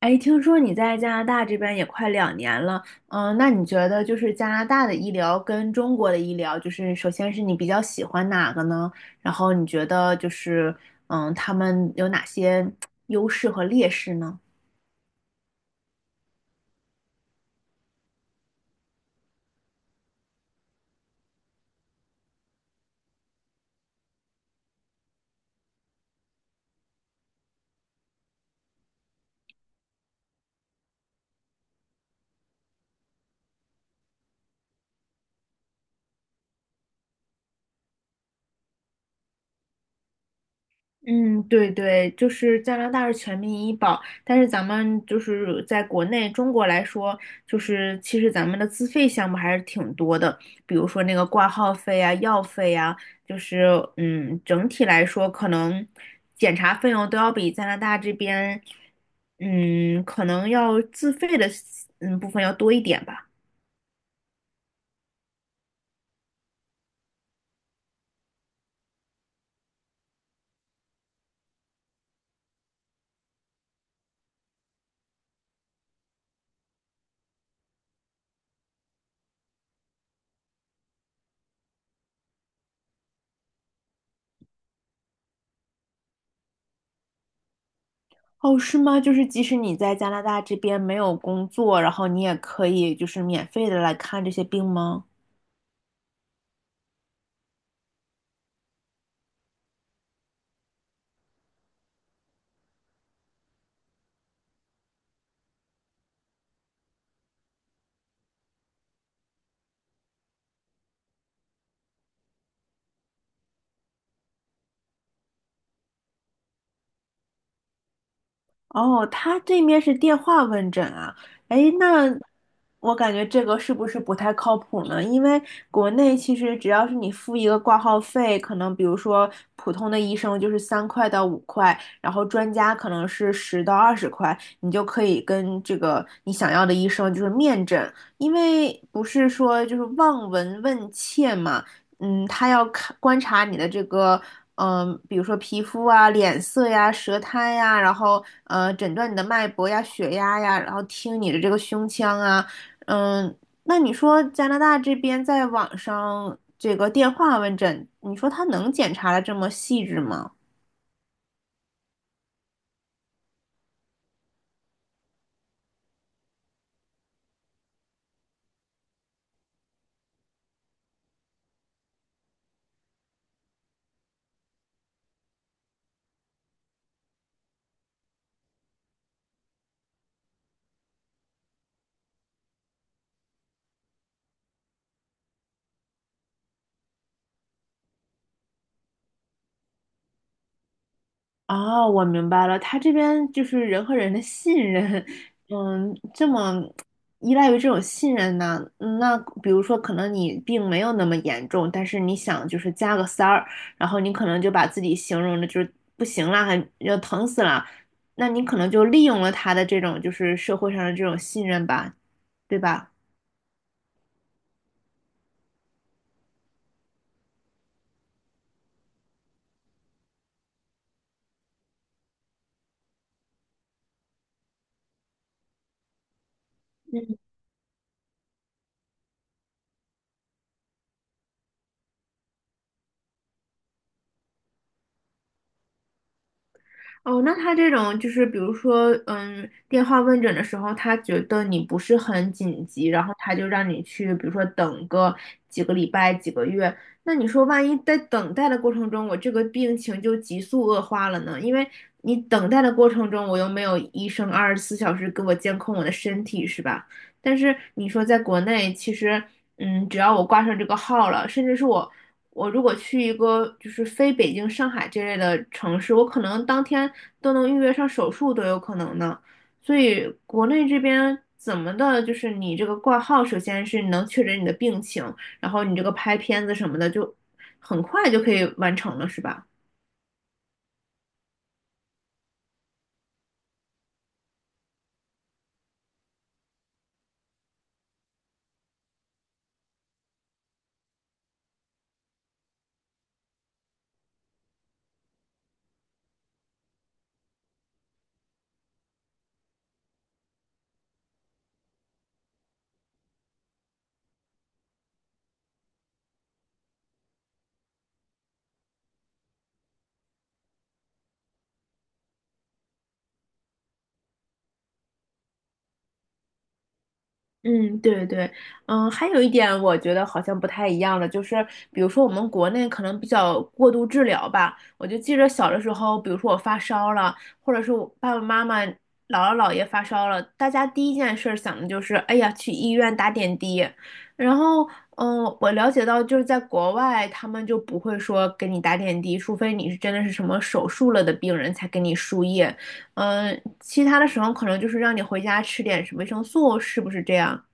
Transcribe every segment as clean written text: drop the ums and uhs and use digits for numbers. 哎，听说你在加拿大这边也快2年了，那你觉得就是加拿大的医疗跟中国的医疗，就是首先是你比较喜欢哪个呢？然后你觉得就是，他们有哪些 优势和劣势呢？嗯，对对，就是加拿大是全民医保，但是咱们就是在国内中国来说，就是其实咱们的自费项目还是挺多的，比如说那个挂号费啊、药费啊，就是整体来说可能检查费用都要比加拿大这边，可能要自费的部分要多一点吧。哦，是吗？就是即使你在加拿大这边没有工作，然后你也可以就是免费的来看这些病吗？哦，他这面是电话问诊啊。哎，那我感觉这个是不是不太靠谱呢？因为国内其实只要是你付一个挂号费，可能比如说普通的医生就是3块到5块，然后专家可能是10到20块，你就可以跟这个你想要的医生就是面诊，因为不是说就是望闻问切嘛，他要看观察你的这个。比如说皮肤啊、脸色呀、舌苔呀，然后诊断你的脉搏呀、血压呀，然后听你的这个胸腔啊，嗯，那你说加拿大这边在网上这个电话问诊，你说他能检查的这么细致吗？啊，我明白了，他这边就是人和人的信任，这么依赖于这种信任呢？嗯那比如说，可能你病没有那么严重，但是你想就是加个塞儿，然后你可能就把自己形容的就是不行了，还要疼死了，那你可能就利用了他的这种就是社会上的这种信任吧，对吧？哦，那他这种就是，比如说，电话问诊的时候，他觉得你不是很紧急，然后他就让你去，比如说等个几个礼拜、几个月。那你说，万一在等待的过程中，我这个病情就急速恶化了呢？因为你等待的过程中，我又没有医生24小时给我监控我的身体，是吧？但是你说在国内，其实只要我挂上这个号了，甚至是我如果去一个就是非北京、上海这类的城市，我可能当天都能预约上手术都有可能呢。所以国内这边怎么的，就是你这个挂号，首先是能确诊你的病情，然后你这个拍片子什么的就很快就可以完成了，是吧？嗯，对对，还有一点我觉得好像不太一样了，就是比如说我们国内可能比较过度治疗吧，我就记着小的时候，比如说我发烧了，或者是我爸爸妈妈、姥姥姥爷发烧了，大家第一件事儿想的就是，哎呀，去医院打点滴。然后，我了解到就是在国外，他们就不会说给你打点滴，除非你是真的是什么手术了的病人才给你输液，其他的时候可能就是让你回家吃点什么维生素，是不是这样？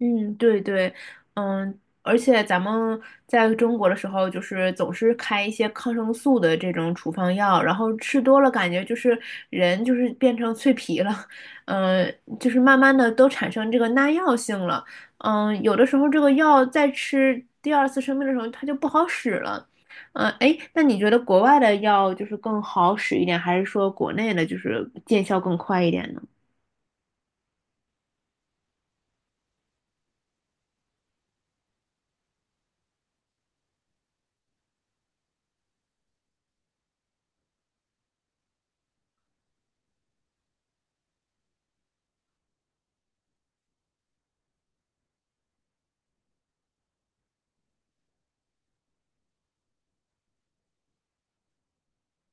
嗯，对对，嗯，而且咱们在中国的时候，就是总是开一些抗生素的这种处方药，然后吃多了，感觉就是人就是变成脆皮了，嗯，就是慢慢的都产生这个耐药性了，有的时候这个药再吃第二次生病的时候，它就不好使了，哎，那你觉得国外的药就是更好使一点，还是说国内的就是见效更快一点呢？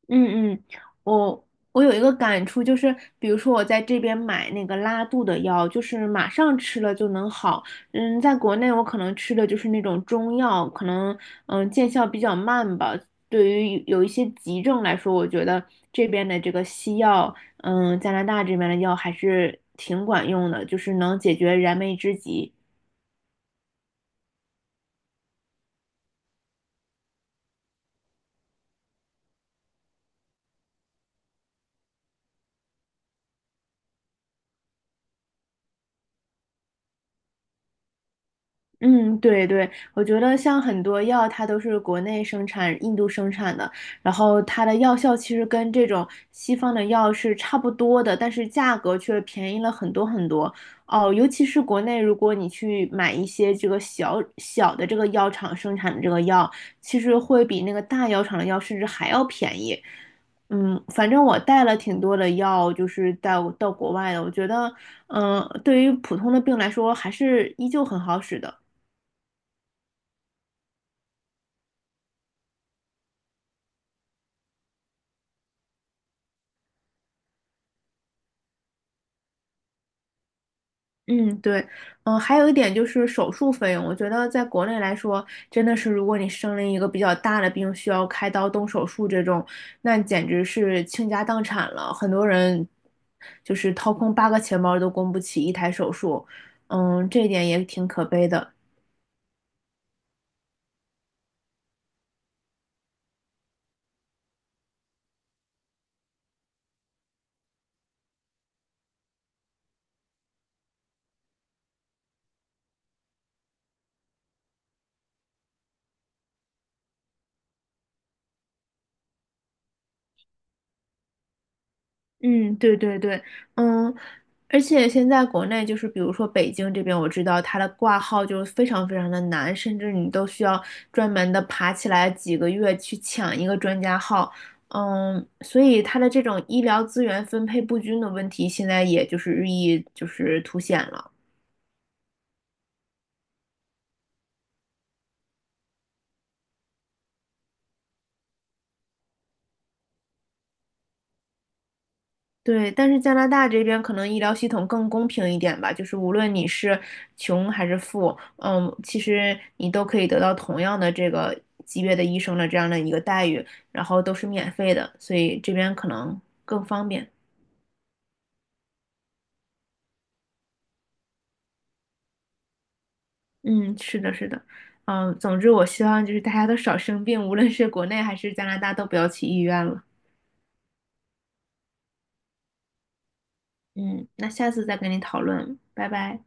嗯嗯，我我有一个感触，就是比如说我在这边买那个拉肚的药，就是马上吃了就能好。在国内我可能吃的就是那种中药，可能见效比较慢吧。对于有一些急症来说，我觉得这边的这个西药，加拿大这边的药还是挺管用的，就是能解决燃眉之急。嗯，对对，我觉得像很多药，它都是国内生产、印度生产的，然后它的药效其实跟这种西方的药是差不多的，但是价格却便宜了很多很多。哦，尤其是国内，如果你去买一些这个小小的这个药厂生产的这个药，其实会比那个大药厂的药甚至还要便宜。反正我带了挺多的药，就是到国外的，我觉得，对于普通的病来说，还是依旧很好使的。嗯，对，还有一点就是手术费用，我觉得在国内来说，真的是如果你生了一个比较大的病，需要开刀动手术这种，那简直是倾家荡产了。很多人就是掏空八个钱包都供不起一台手术，这一点也挺可悲的。嗯，对对对，嗯，而且现在国内就是，比如说北京这边，我知道它的挂号就是非常非常的难，甚至你都需要专门的爬起来几个月去抢一个专家号，所以它的这种医疗资源分配不均的问题，现在也就是日益就是凸显了。对，但是加拿大这边可能医疗系统更公平一点吧，就是无论你是穷还是富，其实你都可以得到同样的这个级别的医生的这样的一个待遇，然后都是免费的，所以这边可能更方便。嗯，是的，是的，总之我希望就是大家都少生病，无论是国内还是加拿大都不要去医院了。嗯，那下次再跟你讨论，拜拜。